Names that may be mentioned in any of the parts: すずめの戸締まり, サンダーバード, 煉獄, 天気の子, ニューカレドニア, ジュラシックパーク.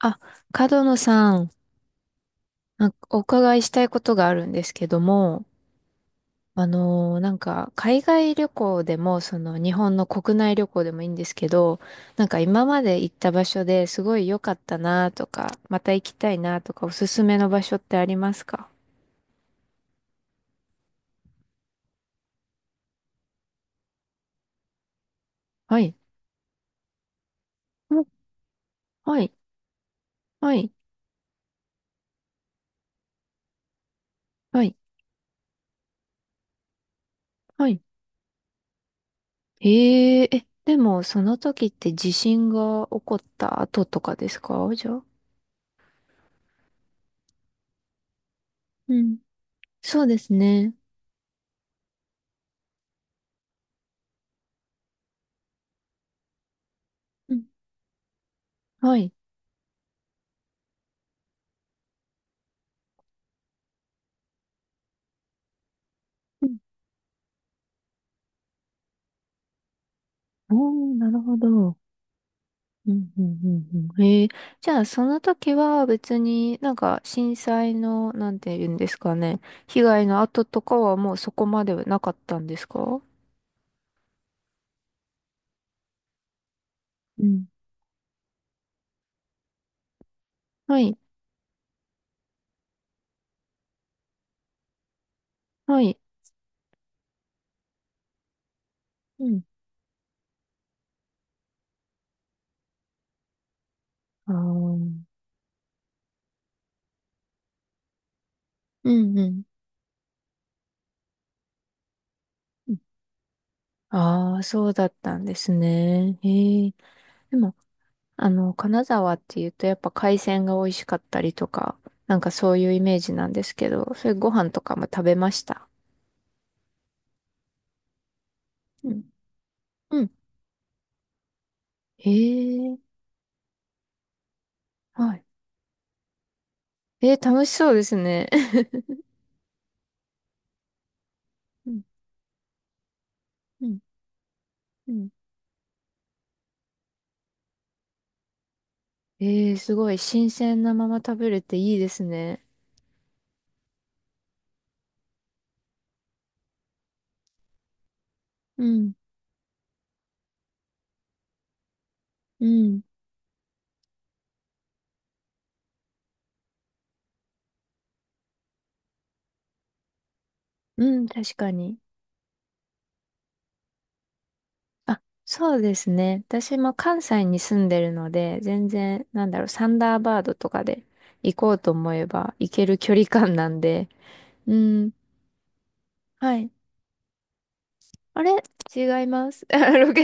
あ、角野さん、なんかお伺いしたいことがあるんですけども、海外旅行でも、その、日本の国内旅行でもいいんですけど、なんか今まで行った場所ですごい良かったなとか、また行きたいなとか、おすすめの場所ってありますか？はい。おはい。はい。はい。はい。へえ、え、でも、その時って地震が起こった後とかですかじゃあ。うん。そうですね。うん。はい。おー、なるほど。うんうん、へえー。じゃあ、その時は別になんか震災の、なんて言うんですかね。被害の後とかはもうそこまではなかったんですか？うん。はい。はい。うん。ああ。うんうん。ああ、そうだったんですね。へえ。でも、あの、金沢っていうとやっぱ海鮮が美味しかったりとか、なんかそういうイメージなんですけど、それご飯とかも食べました。うん。うん。へえ。はいえー、楽しそうですね。うん、うん、うん、えー、すごい。新鮮なまま食べれていいですね。うん、うん。うん、確かに。あ、そうですね。私も関西に住んでるので、全然、なんだろう、サンダーバードとかで行こうと思えば行ける距離感なんで、うん、はい。あれ違います。ロケ、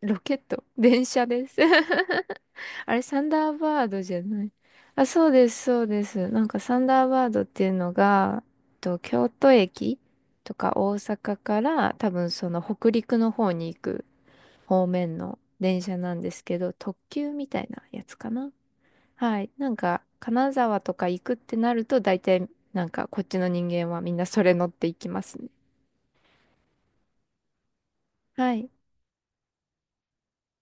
えロケット電車です。あれ、サンダーバードじゃない。あ、そうです、そうです。なんかサンダーバードっていうのが、京都駅とか大阪から多分その北陸の方に行く方面の電車なんですけど、特急みたいなやつかな。はい。なんか、金沢とか行くってなると、大体、なんかこっちの人間はみんなそれ乗っていきますね。はい。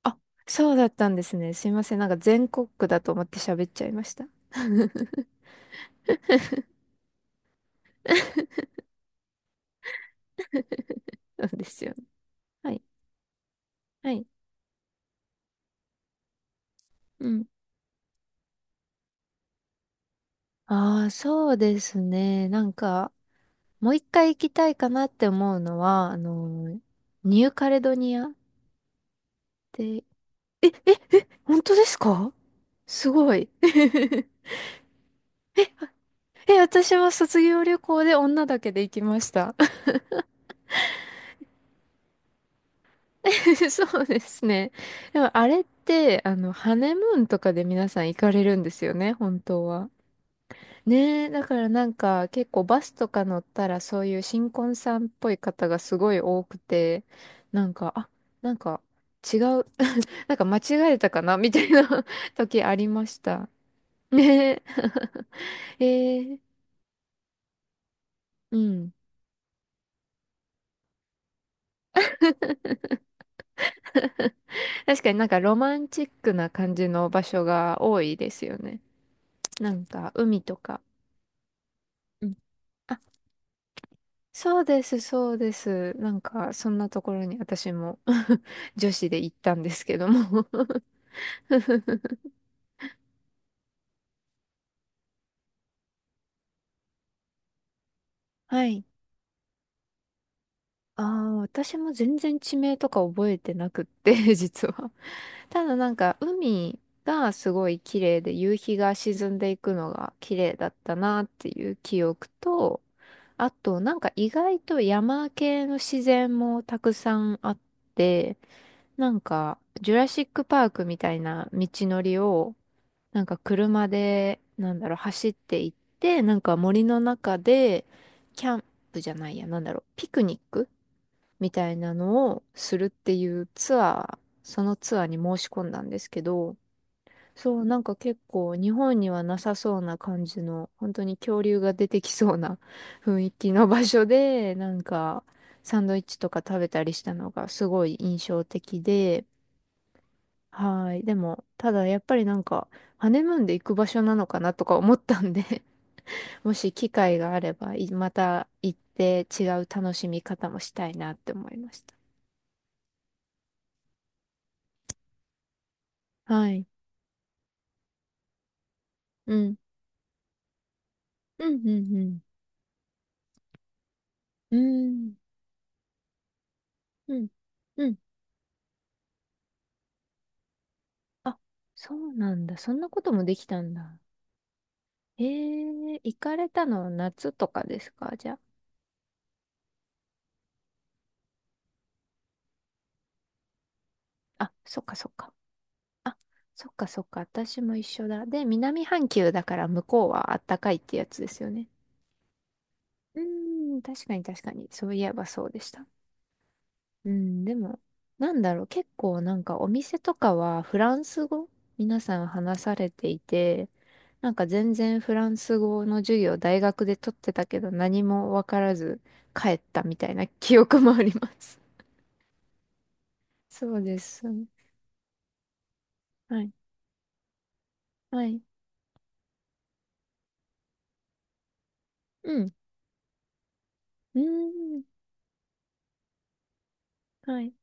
あ、そうだったんですね。すいません。なんか全国区だと思って喋っちゃいました。そうですよね。はい。はい。うん。ああ、そうですね。なんか、もう一回行きたいかなって思うのは、ニューカレドニアって、本当ですか？すごい。え、私は卒業旅行で女だけで行きました。そうですね。でもあれって、あの、ハネムーンとかで皆さん行かれるんですよね、本当は。ねえ、だからなんか結構バスとか乗ったらそういう新婚さんっぽい方がすごい多くて、なんか、あ、なんか違う、なんか間違えたかなみたいな 時ありました。ねえ。えーうん。確かになんかロマンチックな感じの場所が多いですよね。なんか海とか。うんあ、そうです、そうです。なんかそんなところに私も 女子で行ったんですけども はい。ああ、私も全然地名とか覚えてなくって、実は。ただなんか、海がすごい綺麗で、夕日が沈んでいくのが綺麗だったなっていう記憶と、あとなんか意外と山系の自然もたくさんあって、なんか、ジュラシックパークみたいな道のりを、なんか車で、なんだろう、走っていって、なんか森の中で、キャンプじゃないや、なんだろう、ピクニックみたいなのをするっていうツアー、そのツアーに申し込んだんですけど、そう、なんか結構日本にはなさそうな感じの、本当に恐竜が出てきそうな 雰囲気の場所で、なんかサンドイッチとか食べたりしたのがすごい印象的で、はい。でも、ただやっぱりなんか、ハネムーンで行く場所なのかなとか思ったんで もし機会があれば、いまた行って違う楽しみ方もしたいなって思いました。はい。うん。うん、うん、うん。うーん、うん、うん。あ、そうなんだ。そんなこともできたんだ。えー、行かれたのは夏とかですかじゃあ。あ、そっかそっか。あ、そっかそっか。私も一緒だ。で、南半球だから向こうはあったかいってやつですよね。うーん、確かに確かに。そういえばそうでした。うん、でも、なんだろう、結構なんかお店とかはフランス語皆さん話されていて、なんか全然フランス語の授業大学で取ってたけど何もわからず帰ったみたいな記憶もあります。そうです。はい。はい。うん。うーん。はい。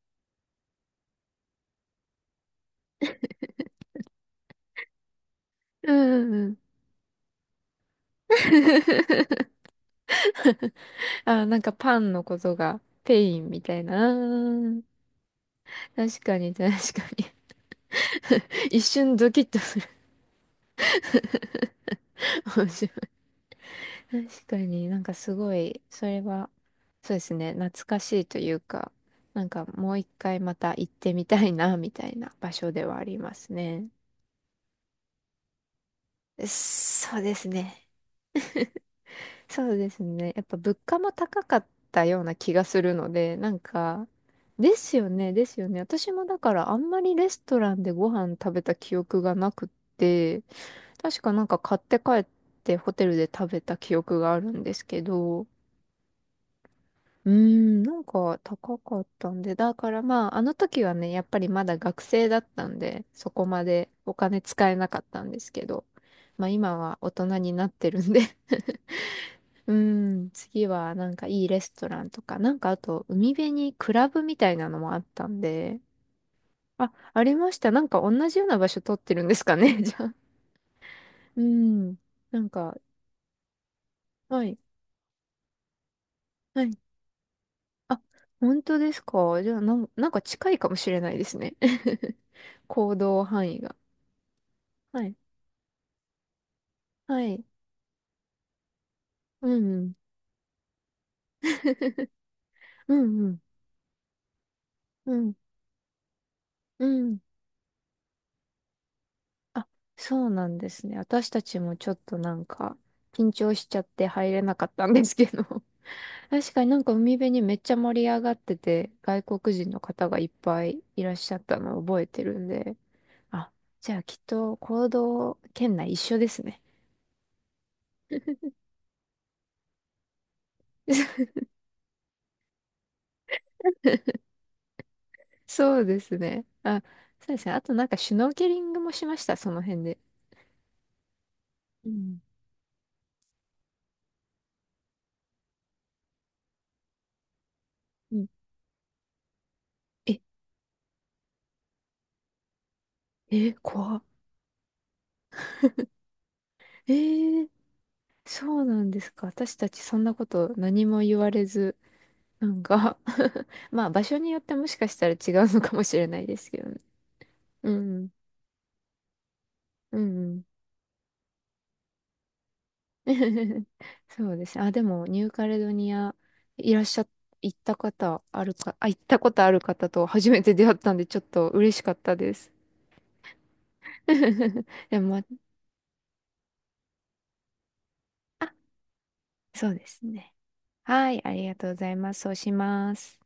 うんうんうん。あ、なんかパンのことがペインみたいな。あー確かに確かに 一瞬ドキッとする。確かになんかすごい、それは、そうですね、懐かしいというか、なんかもう一回また行ってみたいな、みたいな場所ではありますね。そうですね。そうですね。やっぱ物価も高かったような気がするので、なんか、ですよね、ですよね。私もだからあんまりレストランでご飯食べた記憶がなくって、確かなんか買って帰ってホテルで食べた記憶があるんですけど、うーん、なんか高かったんで、だからまあ、あの時はね、やっぱりまだ学生だったんで、そこまでお金使えなかったんですけど、まあ今は大人になってるんで うーん、次はなんかいいレストランとか、なんかあと海辺にクラブみたいなのもあったんで、あ、ありました。なんか同じような場所取ってるんですかね、じゃあ。うーん、なんか、はい。はいあ、本当ですかじゃあ、なん、なんか近いかもしれないですね。行動範囲が。はい。はい。うんうん。うんうん。うん。うん。あ、そうなんですね。私たちもちょっとなんか、緊張しちゃって入れなかったんですけど。確かになんか海辺にめっちゃ盛り上がってて、外国人の方がいっぱいいらっしゃったのを覚えてるんで。あ、じゃあきっと行動圏内一緒ですね。そうですね。あ、そうですね。あとなんかシュノーケリングもしました、その辺で。うん。うん。え、え、怖っ。えー、そうなんですか。私たちそんなこと何も言われず、なんか まあ場所によってもしかしたら違うのかもしれないですけどね。うん。うん。うんそうですね。あ、でもニューカレドニアいらっしゃ、行った方あるか、あ、行ったことある方と初めて出会ったんでちょっと嬉しかったです。でもまあそうですね。はい、ありがとうございます。そうします。